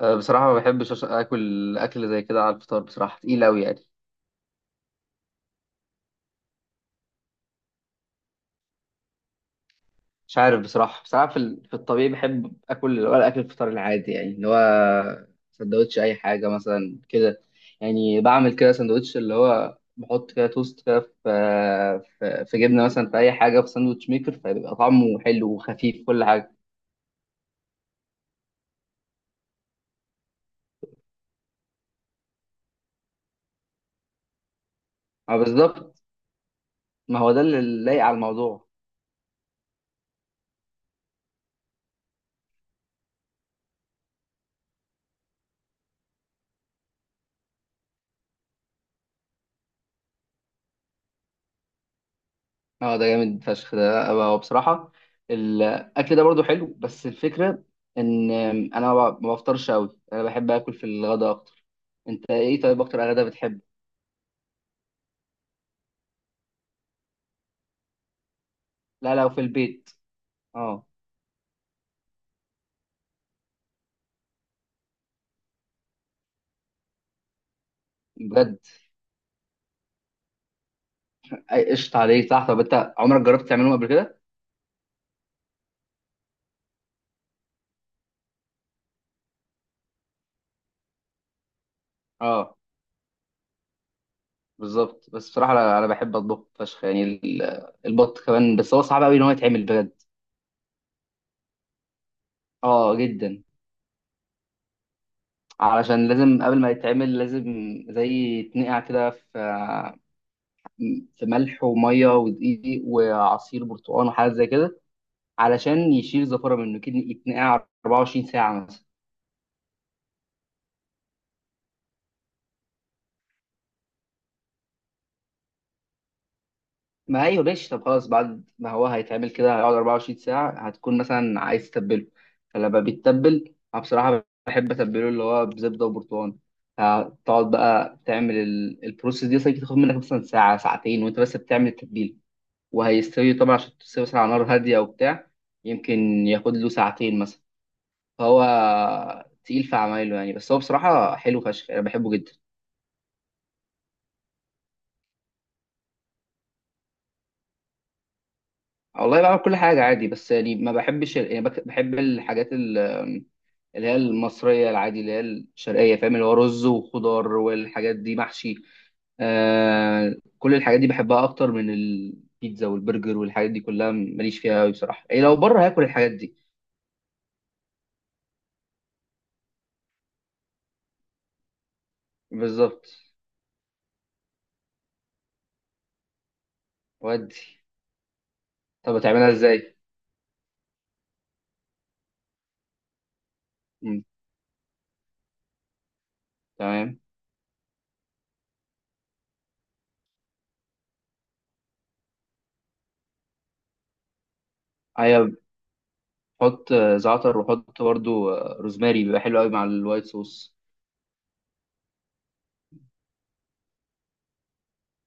أه، بصراحة ما بحبش آكل أكل زي كده على الفطار. بصراحة تقيل أوي يعني. مش عارف بصراحة في الطبيعي بحب آكل اللي هو الأكل الفطار العادي، يعني اللي هو سندوتش، أي حاجة مثلا كده. يعني بعمل كده سندوتش اللي هو بحط كده توست كده في في جبنة، مثلا في أي حاجة في ساندوتش ميكر، فبيبقى طعمه حلو وخفيف كل حاجة. ما بالظبط. ما هو ده اللي لايق على الموضوع. اه، ده جامد فشخ ده هو بصراحة. الأكل ده برضو حلو، بس الفكرة إن أنا ما بفطرش أوي. أنا بحب آكل في الغداء أكتر. أنت إيه طيب أكتر غدا بتحبه؟ لا لو في البيت. اه. بجد؟ أي قشطة عليك صح. طب أنت عمرك جربت تعملهم قبل كده؟ اه. بالظبط. بس بصراحة أنا بحب أطبخ فشخ يعني، البط كمان، بس هو صعب أوي إن هو يتعمل بجد. اه، جدا. علشان لازم قبل ما يتعمل، لازم زي يتنقع كده في ملح وميه ودقيق وعصير برتقال وحاجات زي كده، علشان يشيل الزفاره منه كده. يتنقع 24 ساعه مثلا. ما ايوه ماشي. طب خلاص، بعد ما هو هيتعمل كده هيقعد 24 ساعه، هتكون مثلا عايز تتبله. فلما بيتبل انا بصراحه بحب اتبله اللي هو بزبده وبرتقال. هتقعد بقى تعمل البروسيس دي، مثلا تاخد منك مثلا ساعه ساعتين وانت بس بتعمل التتبيله، وهيستوي طبعا. عشان تستوي مثلا على نار هاديه وبتاع، يمكن ياخد له ساعتين مثلا. هو تقيل في عمايله يعني، بس هو بصراحة حلو فشخ، أنا بحبه جدا. والله بعمل كل حاجة عادي، بس يعني ما بحبش يعني بحب الحاجات اللي هي المصرية العادي، اللي هي الشرقية، فاهم اللي هو رز وخضار والحاجات دي، محشي. كل الحاجات دي بحبها أكتر من البيتزا والبرجر، والحاجات دي كلها ماليش فيها أوي بصراحة. يعني لو بره هاكل الحاجات دي. بالظبط. ودي. طب هتعملها إزاي؟ مم، تمام. أيوة. حط زعتر، وحط برضو روزماري، بيبقى حلو قوي مع الوايت صوص.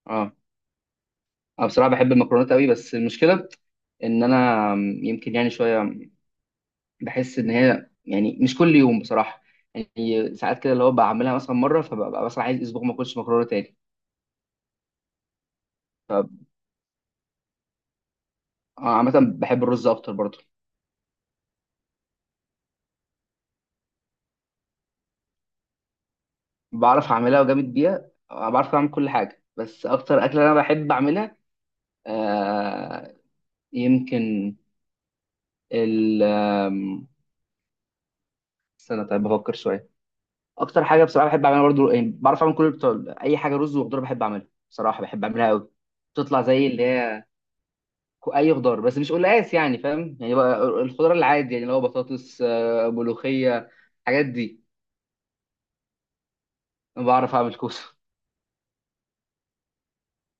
اه. انا بصراحه بحب المكرونات قوي، بس المشكله ان انا يمكن يعني شويه بحس ان هي يعني مش كل يوم بصراحه. يعني ساعات كده اللي هو بعملها مثلا مره، فببقى مثلا عايز اسبوع ما اكلش مكرونه تاني. ف آه، عامه بحب الرز اكتر برضو. بعرف اعملها وجامد بيها، بعرف اعمل كل حاجه، بس اكتر اكله انا بحب اعملها، آه يمكن ال آم، استنى طيب بفكر شويه. اكتر حاجه بصراحه بحب اعملها برضو يعني، بعرف اعمل كل بتاع اي حاجه. رز وخضار بحب اعملها بصراحه، بحب اعملها قوي. بتطلع زي اللي هي اي خضار، بس مش قلقاس يعني فاهم، يعني بقى الخضار العادي يعني اللي هو بطاطس، ملوخيه، الحاجات دي. انا بعرف اعمل كوسه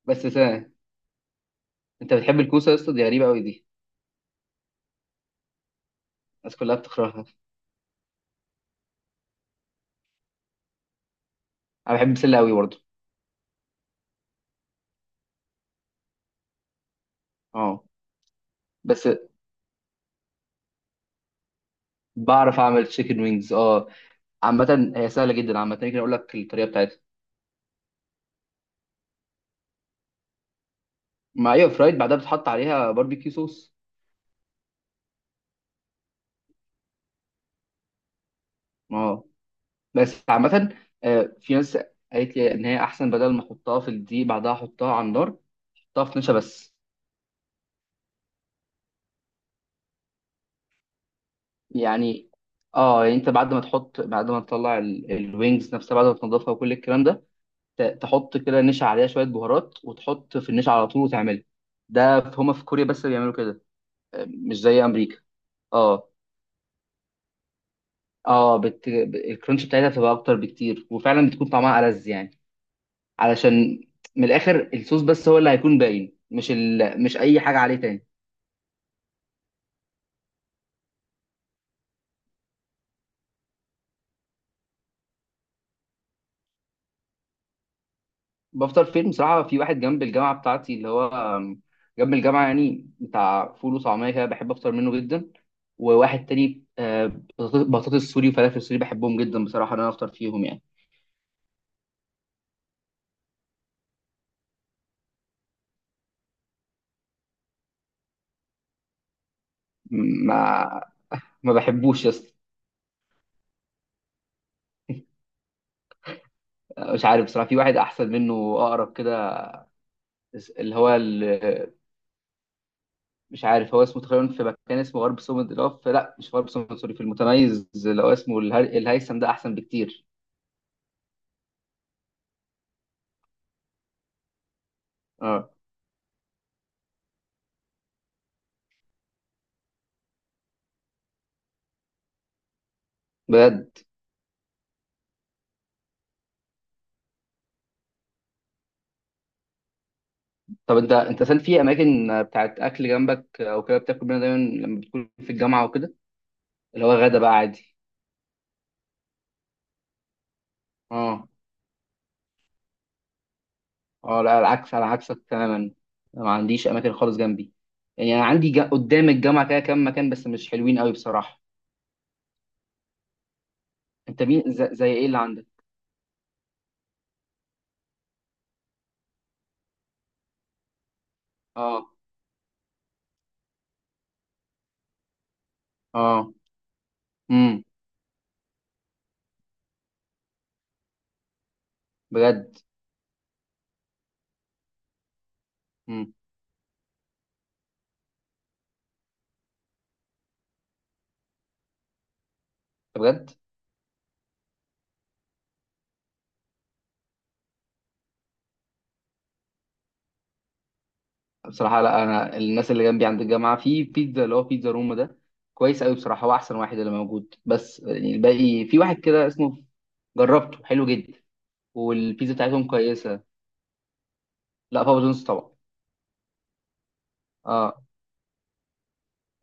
بس سنة. انت بتحب الكوسه يا اسطى؟ دي غريبه قوي دي. الناس كلها بتكرهها. انا بحب البسله قوي برضو. اه. بس بعرف اعمل تشيكن وينجز، اه. عامه هي سهله جدا، عامه ممكن اقول لك الطريقه بتاعتها. ما ايوه فرايد، بعدها بتحط عليها باربيكيو صوص. اه. بس عامة في ناس قالت لي إن هي أحسن بدل ما أحطها في الدقيق بعدها أحطها على النار، أحطها في نشا بس. يعني يعني أنت بعد ما تحط، بعد ما تطلع الوينجز نفسها، بعد ما تنضفها وكل الكلام ده، تحط كده نشا عليها، شوية بهارات، وتحط في النشا على طول وتعملها. ده هما في كوريا بس اللي بيعملوا كده. آه، مش زي أمريكا. آه، آه، الكرانش بتاعتها بتبقى أكتر بكتير، وفعلا بتكون طعمها ألذ يعني. علشان، من الآخر، الصوص بس هو اللي هيكون باين، مش أي حاجة عليه تاني. بفطر فين بصراحة؟ في واحد جنب الجامعة بتاعتي اللي هو آم، جنب الجامعة يعني، بتاع فول وطعمية كده، بحب أفطر منه جدا. وواحد تاني بطاطس سوري وفلافل سوري، بحبهم جدا بصراحة إن أنا أفطر فيهم يعني. م- ما ما بحبوش يا اسطى. آه، مش عارف بصراحة، في واحد أحسن منه أقرب كده، اللي هو مش عارف هو اسمه تقريبا. في مكان اسمه غرب سومد، اللي هو لا مش غرب سومد سوري، في المتميز اللي هو اسمه الهيثم، ده أحسن بكتير. اه، بجد. طب انت اصلا في اماكن بتاعت اكل جنبك او كده بتاكل منها دايما لما بتكون في الجامعه وكده؟ اللي هو غدا بقى عادي. اه، اه. لا العكس، على عكسك تماما. انا ما عنديش اماكن خالص جنبي. يعني انا عندي قدام الجامعه كده كام مكان، بس مش حلوين قوي بصراحه. انت مين زي ايه اللي عندك؟ اه، اه. امم بجد. امم بجد. بصراحه لا، انا الناس اللي جنبي عند الجامعه في بيتزا اللي هو بيتزا روما ده، كويس قوي بصراحه، هو احسن واحد اللي موجود، بس يعني الباقي في واحد كده اسمه. جربته، حلو جدا. والبيتزا بتاعتهم كويسه. لا، بابا جونز طبعا. اه.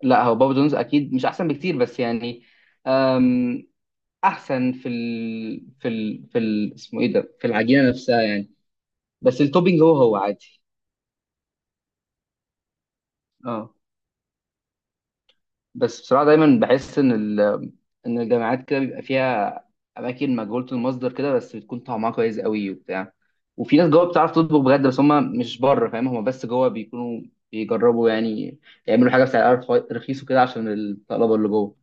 لا هو بابا جونز اكيد مش احسن بكتير، بس يعني أم احسن في ال... في ال... في ال... اسمه ايه ده، في العجينه نفسها يعني، بس التوبينج هو هو عادي. اه. بس بصراحه دايما بحس ان ان الجامعات كده بيبقى فيها اماكن مجهوله المصدر كده، بس بتكون طعمها كويس قوي وبتاع. وفي ناس جوه بتعرف تطبخ بجد، بس هم مش بره فاهم، هم بس جوه بيكونوا بيجربوا يعني، يعملوا حاجه بسعر رخيص وكده عشان الطلبه اللي جوه.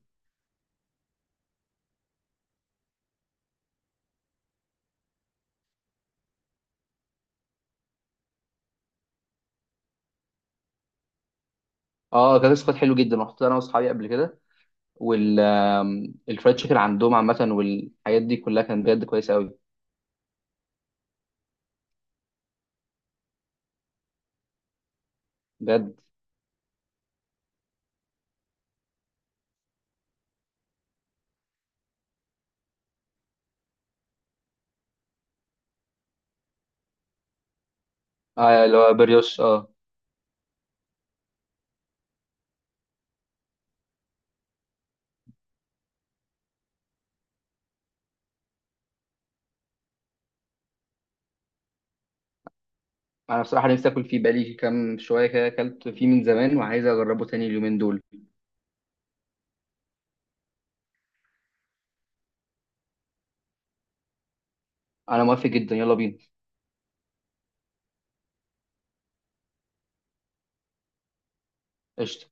اه. آه، كان سكوت حلو جدا، رحت انا واصحابي قبل كده، والفرايد تشيكن عندهم عامه والحاجات دي كلها كانت بجد كويسه قوي. بجد. اه، اللي هو بريوش، اه. انا بصراحه نفسي اكل فيه، بقالي كام شويه كده اكلت فيه من زمان وعايز اجربه تاني اليومين دول. انا موافق جدا، يلا بينا. قشطه.